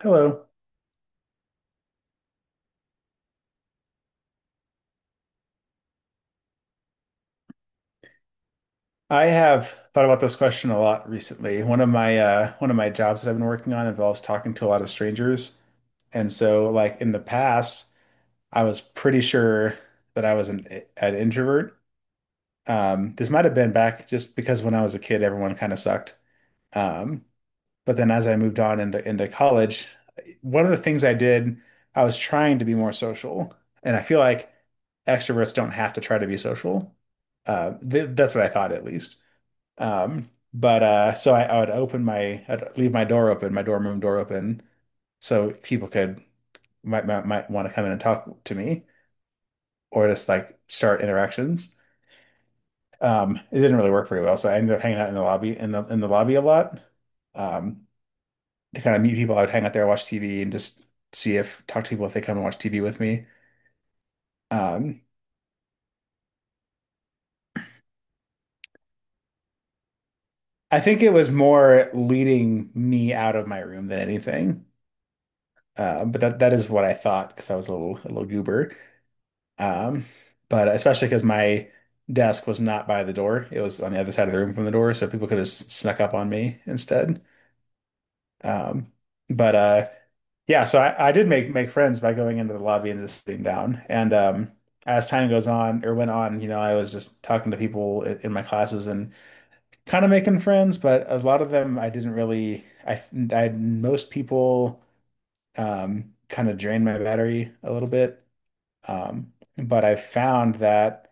Hello. I have thought about this question a lot recently. One of my jobs that I've been working on involves talking to a lot of strangers, and so like in the past, I was pretty sure that I was an introvert. This might have been back just because when I was a kid, everyone kind of sucked. Um, but then as I moved on into college, one of the things I did, I was trying to be more social, and I feel like extroverts don't have to try to be social. Th that's what I thought at least. But so I would open I'd leave my door open, my dorm room door open, so people could might want to come in and talk to me or just like start interactions. It didn't really work very well, so I ended up hanging out in the lobby a lot um, to kind of meet people. I would hang out there, watch TV, and just see if talk to people if they come and watch TV with me. Um, I think it was more leading me out of my room than anything. But that is what I thought because I was a little goober. Um, but especially because my desk was not by the door, it was on the other side of the room from the door, so people could have snuck up on me instead. Um, but uh, so I did make friends by going into the lobby and just sitting down. And as time goes on or went on, I was just talking to people in my classes and kind of making friends, but a lot of them I didn't really. I most people, kind of drained my battery a little bit. But I found that.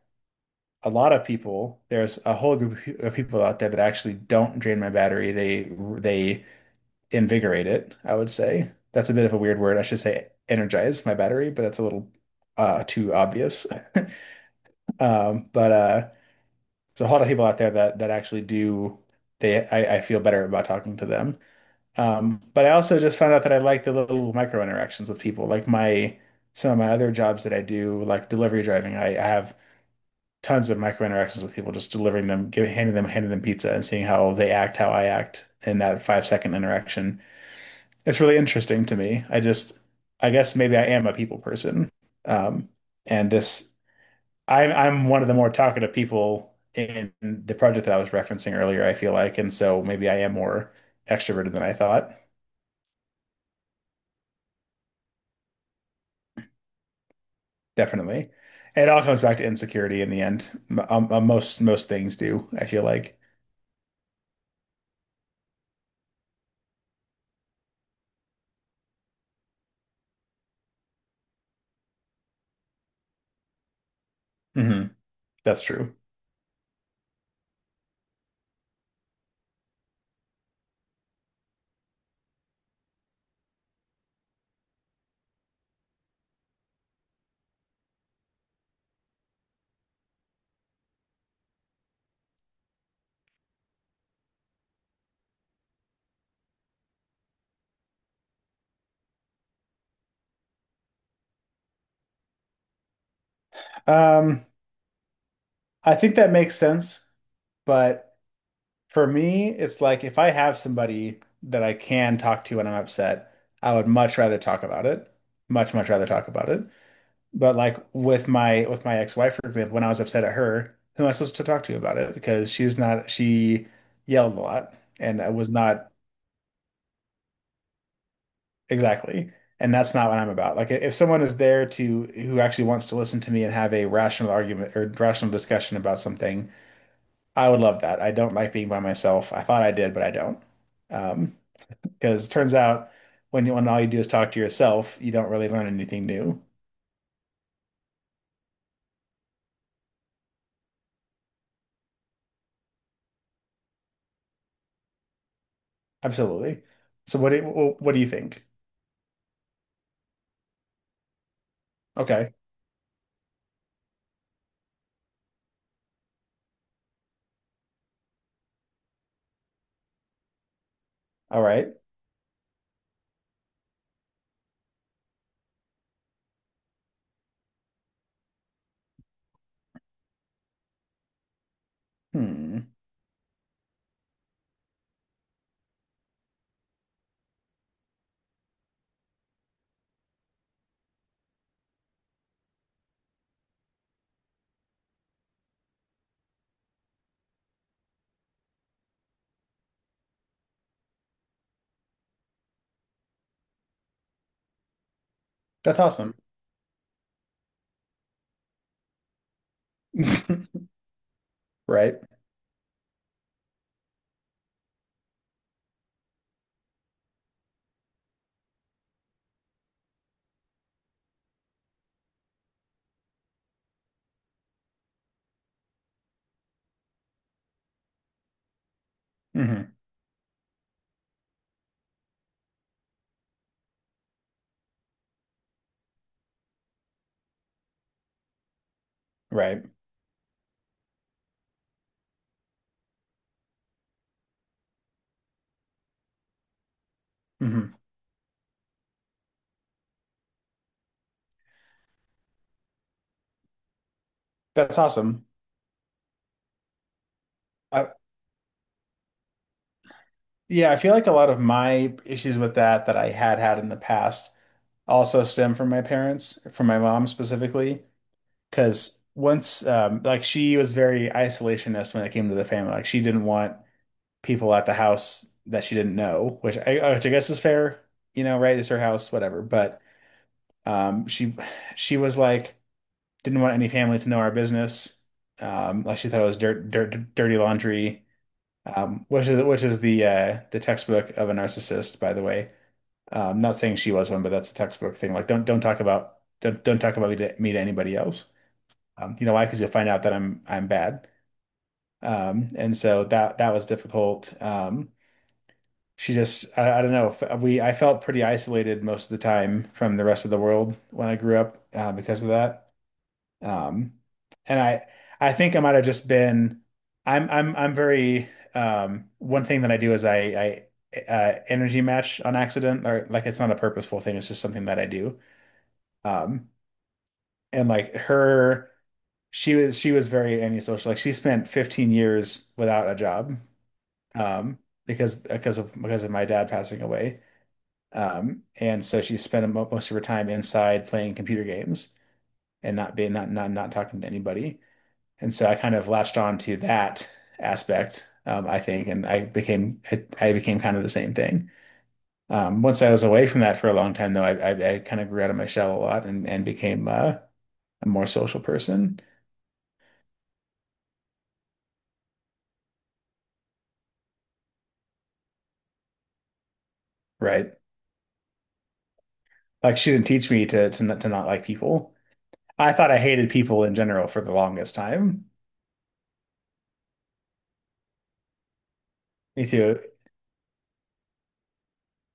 A lot of people, there's a whole group of people out there that actually don't drain my battery. They invigorate it, I would say. That's a bit of a weird word. I should say energize my battery, but that's a little too obvious. But there's a lot of people out there that actually do . I feel better about talking to them. But I also just found out that I like the little micro interactions with people. Like my some of my other jobs that I do, like delivery driving, I have tons of micro interactions with people, just delivering them, handing them pizza and seeing how they act, how I act in that 5-second interaction. It's really interesting to me. I guess maybe I am a people person. Um, and this, I'm one of the more talkative people in the project that I was referencing earlier, I feel like. And so maybe I am more extroverted than I thought. Definitely. And it all comes back to insecurity in the end. Most things do, I feel like. Hmm. That's true. Um, I think that makes sense, but for me, it's like if I have somebody that I can talk to when I'm upset, I would much rather talk about it. Much, much rather talk about it. But like with my ex-wife, for example, when I was upset at her, who am I supposed to talk to about it? Because she's not she yelled a lot and I was not. Exactly. And that's not what I'm about. Like if someone is there to who actually wants to listen to me and have a rational argument or rational discussion about something, I would love that. I don't like being by myself. I thought I did, but I don't. Um, because it turns out when all you do is talk to yourself, you don't really learn anything new. Absolutely. So what do you think? Okay. All right. Hmm. That's awesome. Right. Hmm. Right. Hmm. That's awesome. I, yeah, I feel like a lot of my issues with that I had had in the past also stem from my parents, from my mom specifically. Because once, like she was very isolationist when it came to the family. Like she didn't want people at the house that she didn't know, which I guess is fair, right? It's her house, whatever. But um, she, she was like, didn't want any family to know our business. Like she thought it was dirty laundry, which is the textbook of a narcissist, by the way. Not saying she was one, but that's a textbook thing. Like, don't talk about me to anybody else. You know why? Because you'll find out that I'm bad. And so that was difficult. I don't know. F- We I felt pretty isolated most of the time from the rest of the world when I grew up because of that. Um, and I think I might have just been. I'm very, one thing that I do is I energy match on accident or like it's not a purposeful thing. It's just something that I do. Um, and like her. She was very antisocial. Like she spent 15 years without a job, um, because of my dad passing away. And so she spent most of her time inside playing computer games and not being not not not talking to anybody. And so I kind of latched on to that aspect, I think, and I became kind of the same thing. Once I was away from that for a long time, though, I kind of grew out of my shell a lot and became a more social person, right? Like she didn't teach me to not like people. I thought I hated people in general for the longest time. Me too.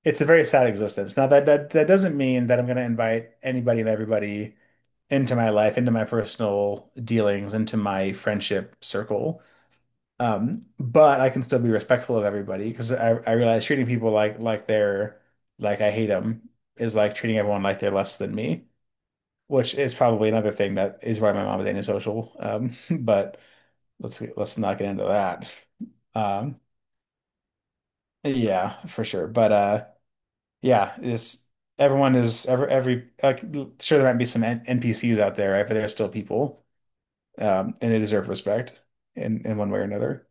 It's a very sad existence. Now that doesn't mean that I'm going to invite anybody and everybody into my life, into my personal dealings, into my friendship circle. But I can still be respectful of everybody because I realize treating people like they're like I hate them is like treating everyone like they're less than me, which is probably another thing that is why my mom is antisocial. But let's not get into that. Um, yeah, for sure. But yeah, is everyone is every like sure there might be some N NPCs out there, right? But they're still people, and they deserve respect in one way or another.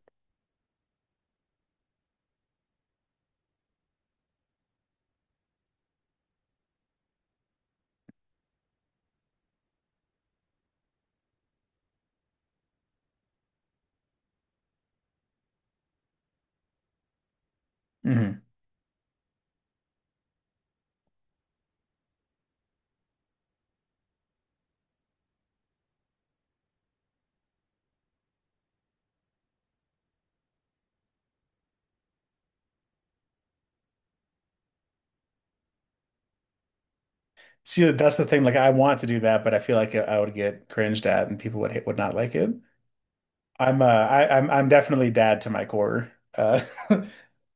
Hmm. See, that's the thing. Like, I want to do that, but I feel like I would get cringed at, and people would not like it. I'm I, I'm definitely dad to my core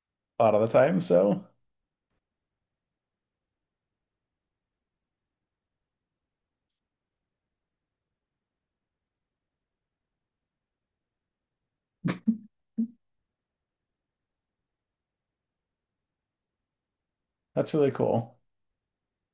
a lot of the time, so that's really cool.